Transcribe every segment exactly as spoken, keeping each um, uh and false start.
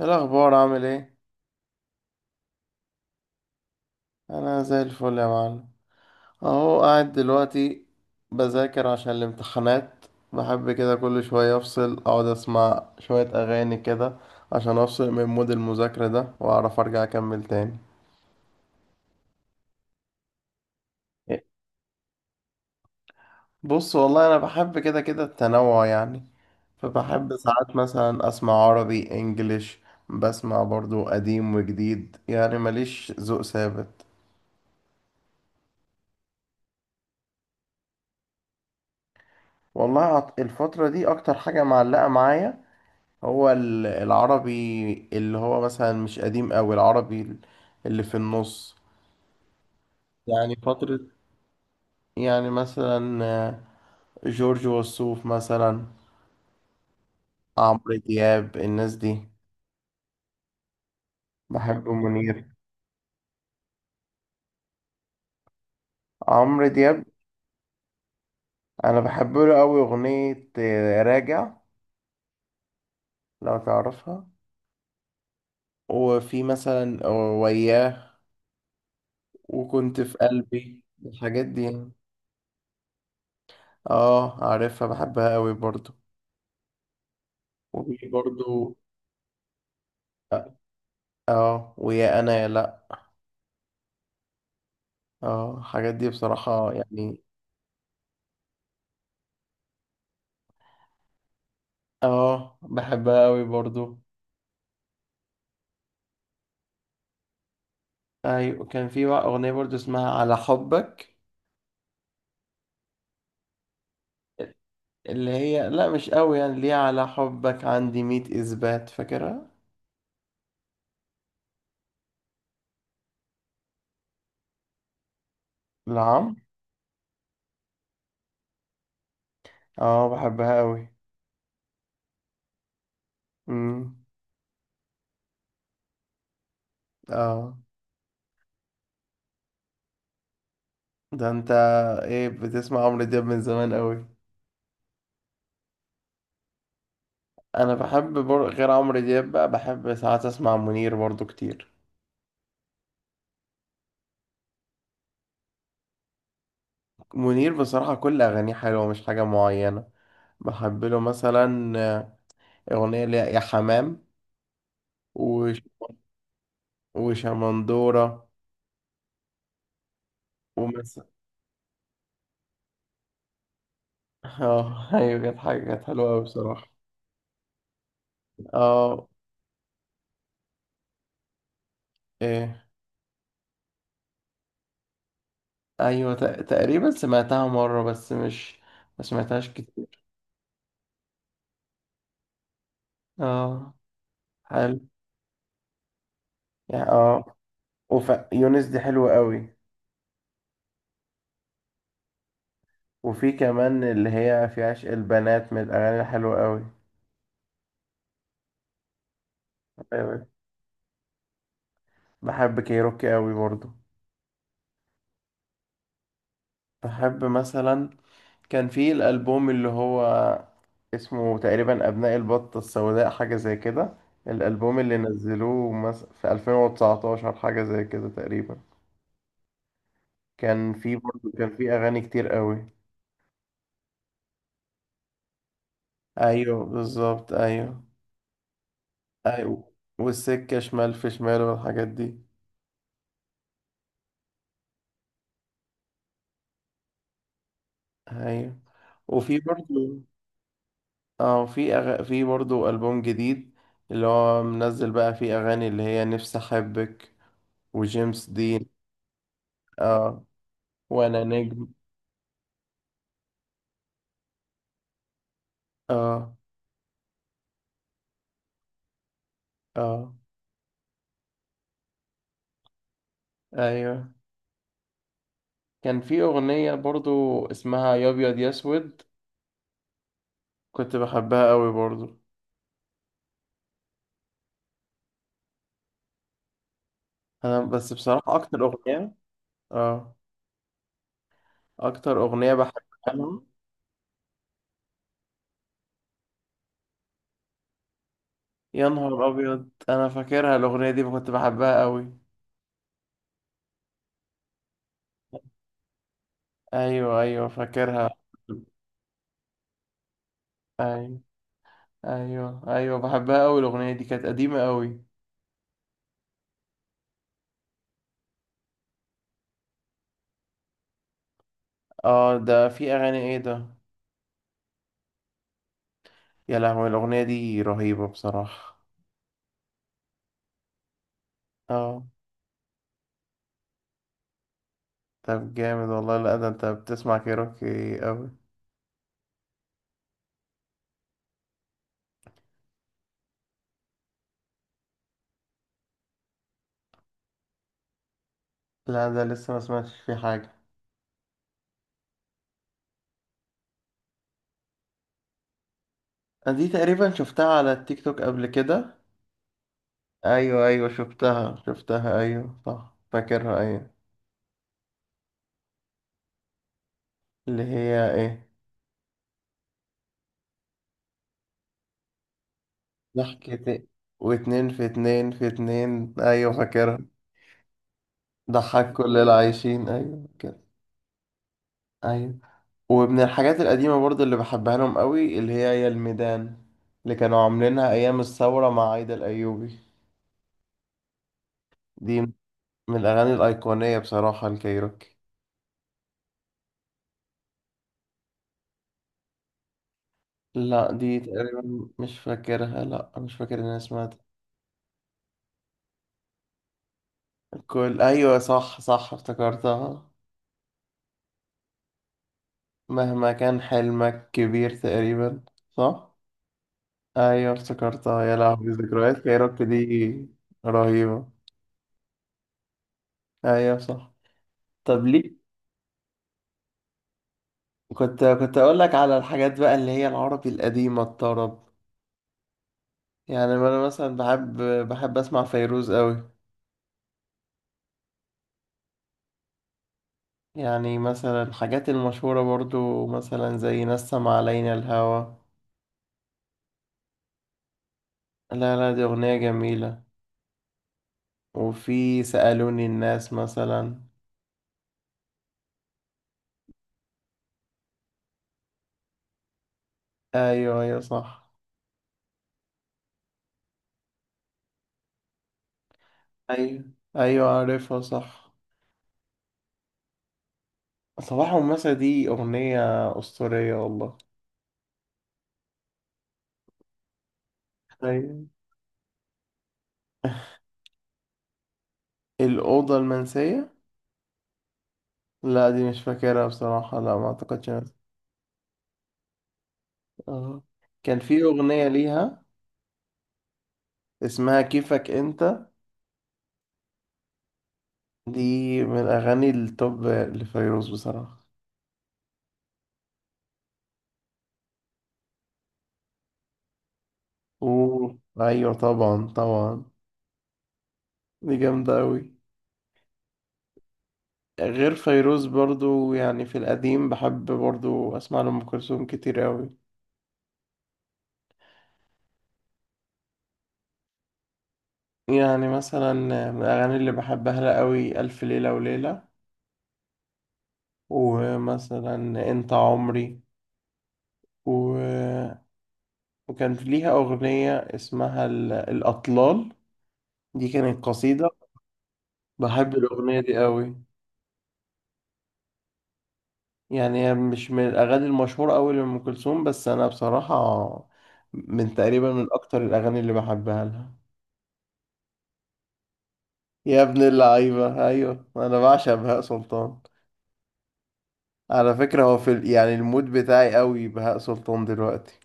إيه الأخبار عامل ايه؟ أنا زي الفل يا معلم. أهو قاعد دلوقتي بذاكر عشان الامتحانات. بحب كده كل شوية أفصل أقعد أسمع شوية أغاني كده عشان أفصل من مود المذاكرة ده وأعرف أرجع أكمل تاني. إيه، بص، والله أنا بحب كده كده التنوع يعني. فبحب ساعات مثلا أسمع عربي إنجليش. بسمع برضو قديم وجديد، يعني ماليش ذوق ثابت. والله عط- الفترة دي أكتر حاجة معلقة معايا، هو ال- العربي اللي هو مثلا مش قديم أوي، العربي اللي في النص، يعني فترة، يعني مثلا آه، جورج وسوف مثلا، عمرو دياب، الناس دي. بحب منير. عمرو دياب، أنا بحب له أوي أغنية آه، راجع، لو تعرفها. وفي مثلا وياه وكنت في قلبي، الحاجات دي يعني. اه عارفها، بحبها أوي برضو. وفي برضو اه ويا أنا يا لا، اه الحاجات دي بصراحة يعني. اه بحبها قوي برضو. ايوه، كان في بقى اغنية برضو اسمها على حبك. اللي هي لا، مش قوي يعني، ليه على حبك عندي مية اثبات، فاكرها. نعم. اه بحبها قوي. امم. اه. ده انت، ايه، بتسمع عمرو دياب من زمان قوي. انا بحب بر... غير عمرو دياب بقى بحب ساعات اسمع منير برضو كتير. منير بصراحة كل اغانيه حلوة، مش حاجة معينة. بحب له مثلا أغنية اللي هي يا حمام وش... وشمندورة. ومثلا اه ايوه، كانت حاجة كانت حلوة أوي بصراحة. اه. ايه. ايوه ت... تقريبا سمعتها مرة بس مش، ما سمعتهاش كتير. اه. حلو. يعني اه. وف... يونس دي حلوة أوي. وفي كمان اللي هي في عشق البنات، من الأغاني الحلوة أوي. أيوة. بحب كيروكي أوي برضه. بحب مثلا كان في الألبوم اللي هو اسمه تقريبا أبناء البطة السوداء، حاجة زي كده. الألبوم اللي نزلوه مس... في ألفين وتسعة عشر حاجة زي كده تقريبا. كان في برضه كان في أغاني كتير قوي. أيوه بالظبط، أيوه. أيوه والسكة شمال في شمال والحاجات دي. أيوه وفي برضه اه في أغ... في برضه ألبوم جديد اللي هو منزل بقى، فيه أغاني اللي هي نفسي أحبك وجيمس دين. اه. وأنا نجم. اه. اه. أيوه كان في أغنية برضو اسمها يا أبيض يا أسود، كنت بحبها قوي برضو. أنا بس بصراحة أكتر أغنية. آه. أكتر أغنية بحبها لهم يا نهار أبيض، أنا فاكرها الأغنية دي كنت بحبها قوي. أيوه أيوه فاكرها. أيوه. أيوه أيوه بحبها قوي، الأغنية دي كانت قديمة قوي. آه ده في أغاني إيه ده. يا لهوي الأغنية دي رهيبة بصراحة. آه. طب جامد والله، لا ده أنت بتسمع كيروكي قوي. لا ده لسه ما سمعتش فيه حاجة. دي تقريبا شفتها على التيك توك قبل كده. ايوه ايوه شفتها شفتها ايوه صح فاكرها ايوه. اللي هي ايه. ضحكة. واتنين في اتنين في اتنين، ايوه فاكرها. ضحك كل العايشين، ايوه كده. ايوه. ومن الحاجات القديمة برضو اللي بحبها لهم قوي اللي هي يا الميدان، اللي كانوا عاملينها ايام الثورة مع عايدة الايوبي. دي من الاغاني الايقونية بصراحة، الكايروكي. لا دي تقريبا مش فاكرها، لا مش فاكر ان انا سمعت. كل، أيوة صح صح افتكرتها. مهما كان حلمك كبير تقريبا، صح. أيوة افتكرتها، يا لهوي ذكريات كايروكي دي رهيبة. أيوة صح. طب ليه. كنت كنت أقول لك على الحاجات بقى اللي هي العربي القديمة الطرب، يعني أنا مثلا بحب بحب أسمع فيروز أوي. يعني مثلا الحاجات المشهورة برضو مثلا زي نسم علينا الهوى. لا لا دي أغنية جميلة. وفي سألوني الناس مثلا. ايوه ايوه صح. ايوه ايوه عارفها صح. صباح ومساء دي اغنية اسطورية والله. ايوه. الاوضة المنسية. لا دي مش فاكرها بصراحة، لا ما اعتقدش إن- اه كان في اغنية ليها اسمها كيفك انت. دي من الاغاني التوب لفيروز بصراحة. اوه ايوه طبعا طبعا. دي جامدة اوي. غير فيروز برضو يعني في القديم بحب برضو اسمع لأم كلثوم كتير اوي. يعني مثلا من الأغاني اللي بحبها لها قوي ألف ليلة وليلة. ومثلا أنت عمري و... وكان ليها أغنية اسمها ال- الأطلال. دي كانت قصيدة، بحب الأغنية دي قوي. يعني هي مش من الأغاني المشهورة قوي لأم كلثوم، بس أنا بصراحة من تقريبا من أكتر الأغاني اللي بحبها لها. يا ابن اللعيبة أيوة أنا بعشق بهاء سلطان. على فكرة هو في ال- يعني المود بتاعي قوي بهاء سلطان دلوقتي.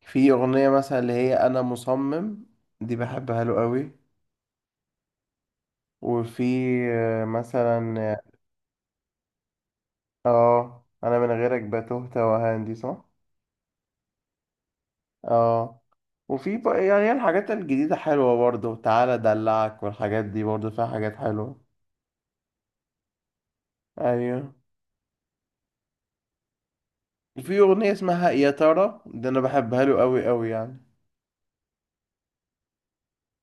في أغنية مثلا اللي هي أنا مصمم، دي بحبها له قوي. وفي آه، مثلا اه أنا من غيرك بتوه توهان، دي صح؟ اه. وفي بقى يعني هي الحاجات الجديدة حلوة برضه، تعالى أدلعك والحاجات دي برضه فيها حاجات حلوة. أيوه. وفي أغنية اسمها يا ترى، دي أنا بحبها له قوي قوي يعني.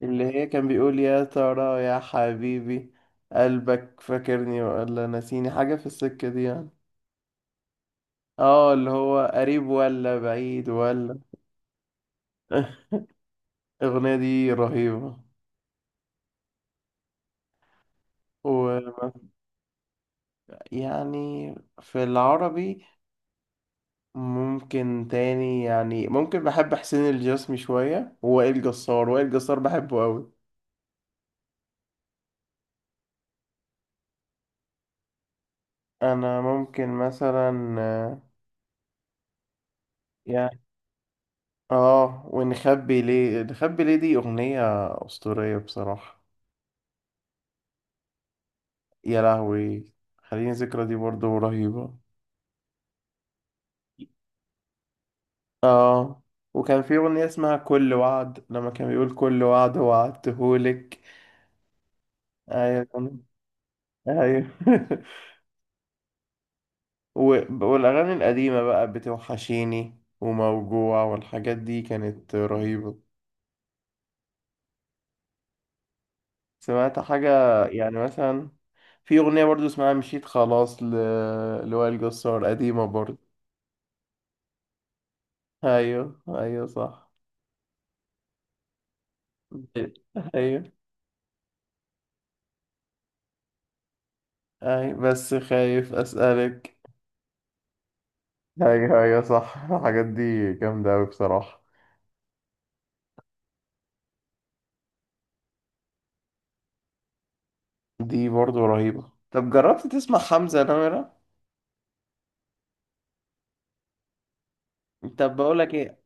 اللي هي كان بيقول يا ترى يا حبيبي قلبك فاكرني ولا نسيني، حاجة في السكة دي يعني. اه اللي هو قريب ولا بعيد ولا. الأغنية دي رهيبة. ويعني في العربي ممكن تاني يعني ممكن، بحب حسين الجسمي شوية ووائل جسار، وائل جسار بحبه أوي. أنا ممكن مثلا آه، يعني اه ونخبي ليه، نخبي ليه دي أغنية أسطورية بصراحة. يا لهوي خليني ذكرى دي برضو رهيبة. اه وكان في أغنية اسمها كل وعد، لما كان بيقول كل وعد وعدتهولك. أيوة. أيوه. و- والأغاني القديمة بقى بتوحشيني وموجوع والحاجات دي كانت رهيبة. سمعت حاجة. يعني مثلا في أغنية برضو اسمها مشيت خلاص ل... لوائل جسار، قديمة برضو. أيوه أيوه صح. أيوه. أيوه بس خايف أسألك. أيوه أيوه صح الحاجات دي جامدة أوي بصراحة. دي برضو رهيبة، طب جربت تسمع حمزة نمرة. طب بقولك ايه،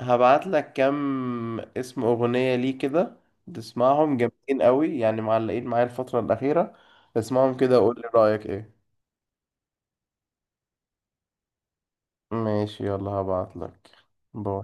هبعت لك كام اسم اغنية ليه كده، تسمعهم جامدين قوي يعني معلقين معايا الفترة الأخيرة. اسمعهم كده وقول لي رأيك ايه. ماشي يلا هبعت لك. باي.